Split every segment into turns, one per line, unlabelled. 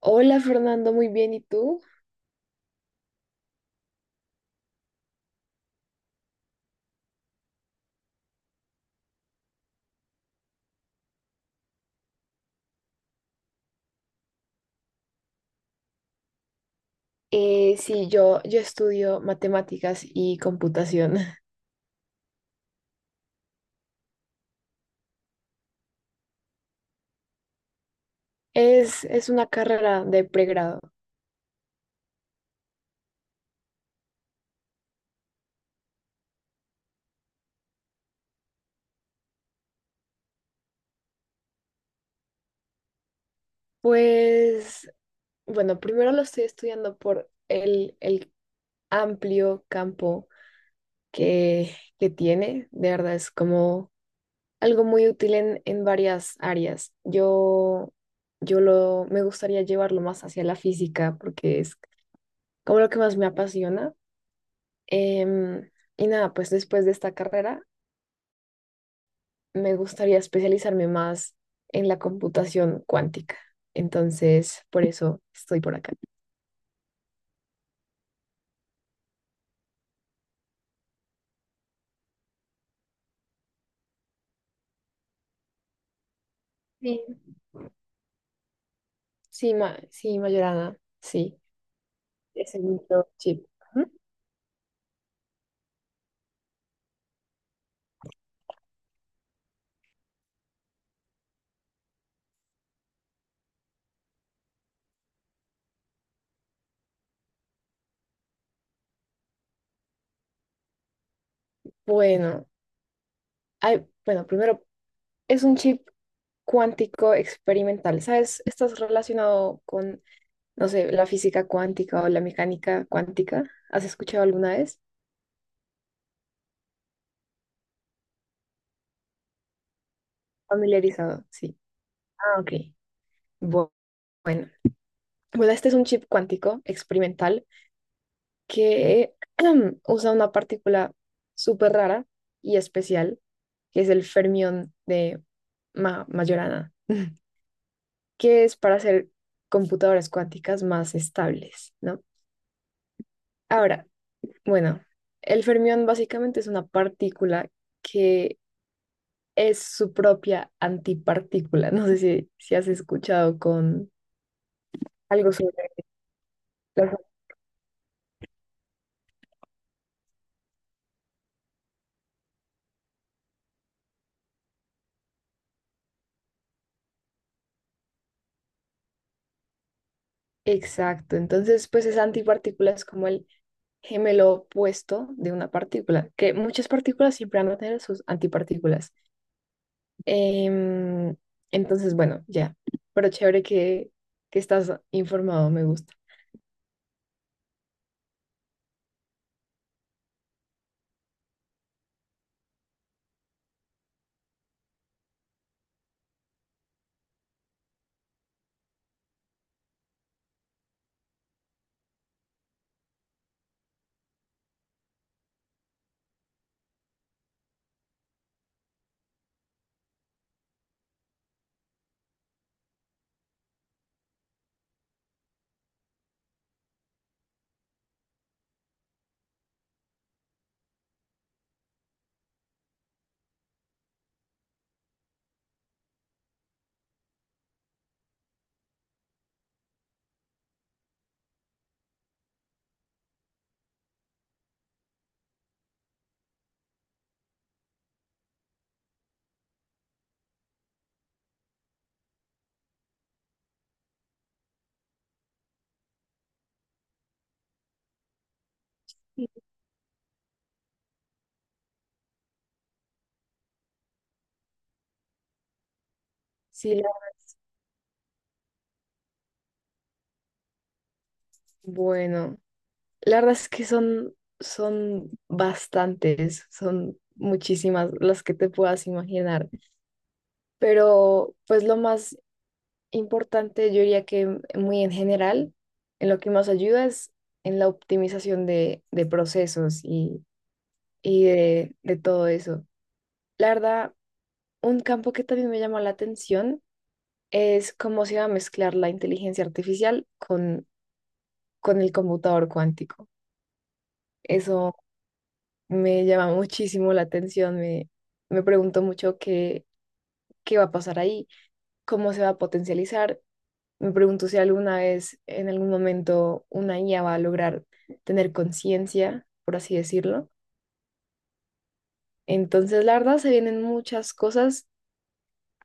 Hola Fernando, muy bien, ¿y tú? Sí, yo estudio matemáticas y computación. Es una carrera de pregrado. Pues, bueno, primero lo estoy estudiando por el amplio campo que tiene. De verdad, es como algo muy útil en varias áreas. Me gustaría llevarlo más hacia la física porque es como lo que más me apasiona. Em, y nada, pues después de esta carrera me gustaría especializarme más en la computación cuántica. Entonces, por eso estoy por acá. Sí, sí, ma sí, Mayorana, sí, es el microchip. Ujú. Bueno, primero, es un chip cuántico experimental, ¿sabes? ¿Estás relacionado con, no sé, la física cuántica o la mecánica cuántica? ¿Has escuchado alguna vez? Familiarizado, sí. Ah, ok. Bu- Bueno, bueno, este es un chip cuántico experimental que usa una partícula súper rara y especial, que es el fermión de Majorana, que es para hacer computadoras cuánticas más estables, ¿no? Ahora, bueno, el fermión básicamente es una partícula que es su propia antipartícula. No sé si has escuchado con algo sobre... las- Exacto, entonces pues esa antipartícula es como el gemelo opuesto de una partícula, que muchas partículas siempre van a tener sus antipartículas. Em, entonces, bueno, ya, pero chévere que estás informado, me gusta. Sí, la- bueno, la verdad es que son, son bastantes, son muchísimas las que te puedas imaginar, pero pues lo más importante, yo diría que muy en general, en lo que más ayuda es en la optimización de procesos y de todo eso. La verdad, un campo que también me llamó la atención es cómo se va a mezclar la inteligencia artificial con el computador cuántico. Eso me llama muchísimo la atención, me pregunto mucho qué va a pasar ahí, cómo se va a potencializar. Me pregunto si alguna vez, en algún momento, una IA va a lograr tener conciencia, por así decirlo. Entonces, la verdad, se vienen muchas cosas.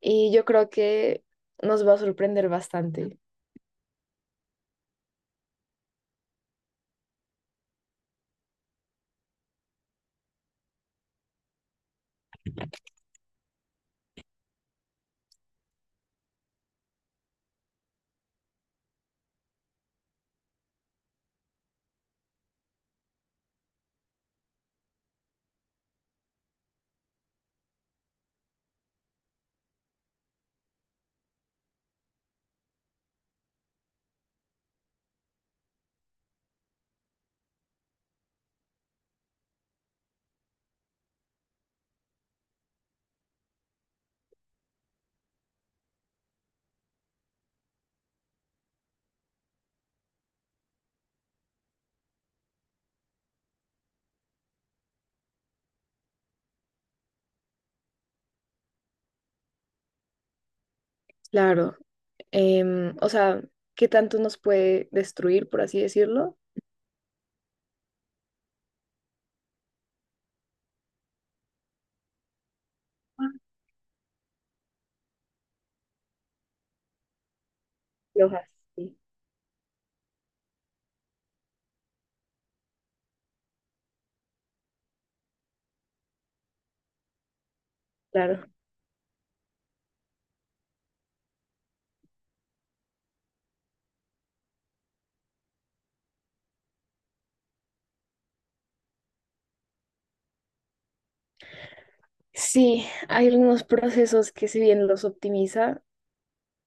Y yo creo que nos va a sorprender bastante. Claro. em, o sea, ¿Qué tanto nos puede destruir, por así decirlo? Y hojas, sí, claro. Sí, hay algunos procesos que si bien los optimiza,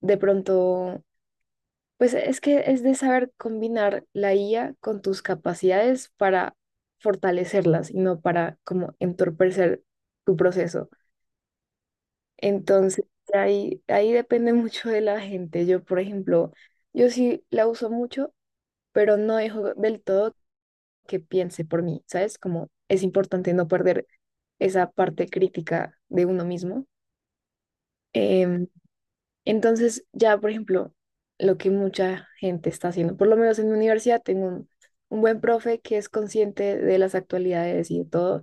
de pronto, pues es que es de saber combinar la IA con tus capacidades para fortalecerlas y no para como entorpecer tu proceso. Entonces, ahí depende mucho de la gente. Yo, por ejemplo, yo sí la uso mucho, pero no dejo del todo que piense por mí, ¿sabes? Como es importante no perder esa parte crítica de uno mismo. Em, entonces, ya, por ejemplo, lo que mucha gente está haciendo, por lo menos en mi universidad, tengo un buen profe que es consciente de las actualidades y de todo,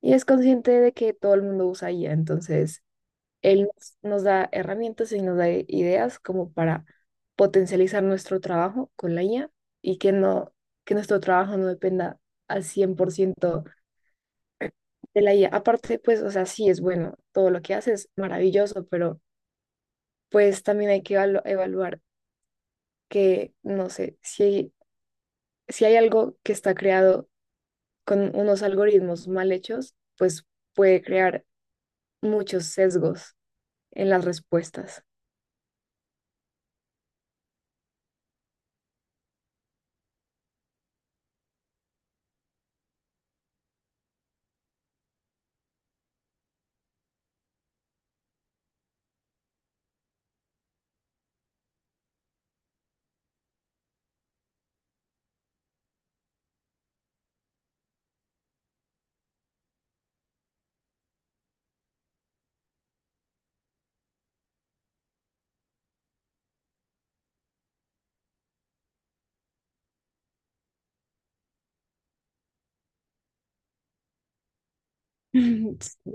y es consciente de que todo el mundo usa IA, entonces él nos da herramientas y nos da ideas como para potencializar nuestro trabajo con la IA y que no, que nuestro trabajo no dependa al 100% de la IA. Aparte, pues, o sea, sí es bueno, todo lo que hace es maravilloso, pero pues también hay que evaluar que, no sé, si hay, si hay algo que está creado con unos algoritmos mal hechos, pues puede crear muchos sesgos en las respuestas.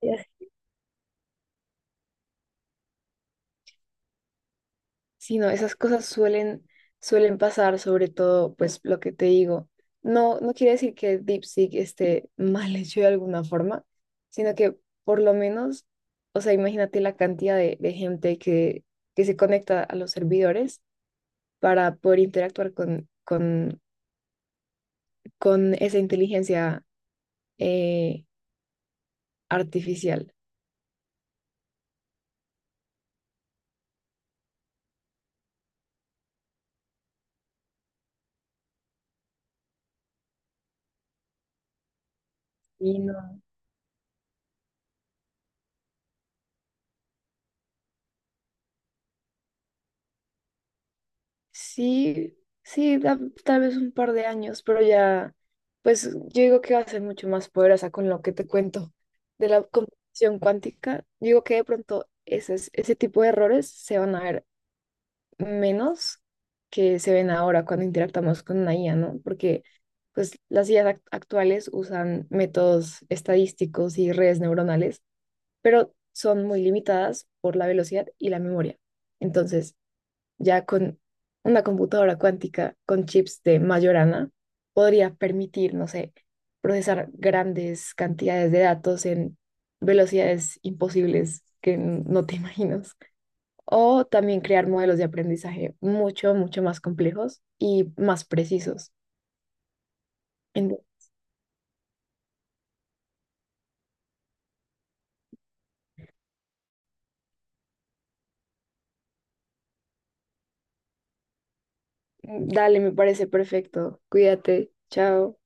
Sí, sí, no, esas cosas suelen, suelen pasar, sobre todo, pues lo que te digo. No, no quiere decir que DeepSeek esté mal hecho de alguna forma, sino que por lo menos, o sea, imagínate la cantidad de gente que se conecta a los servidores para poder interactuar con esa inteligencia eh, artificial. Y no. Sí, sí, da- tal vez un par de años, pero ya, pues yo digo que va a ser mucho más poderosa con lo que te cuento de la computación cuántica. Digo que de pronto ese tipo de errores se van a ver menos que se ven ahora cuando interactuamos con una IA, ¿no? Porque pues las IAs actuales usan métodos estadísticos y redes neuronales, pero son muy limitadas por la velocidad y la memoria. Entonces, ya con una computadora cuántica con chips de Majorana podría permitir, no sé, procesar grandes cantidades de datos en velocidades imposibles que no te imaginas. O también crear modelos de aprendizaje mucho, mucho más complejos y más precisos. En- Dale, me parece perfecto. Cuídate. Chao.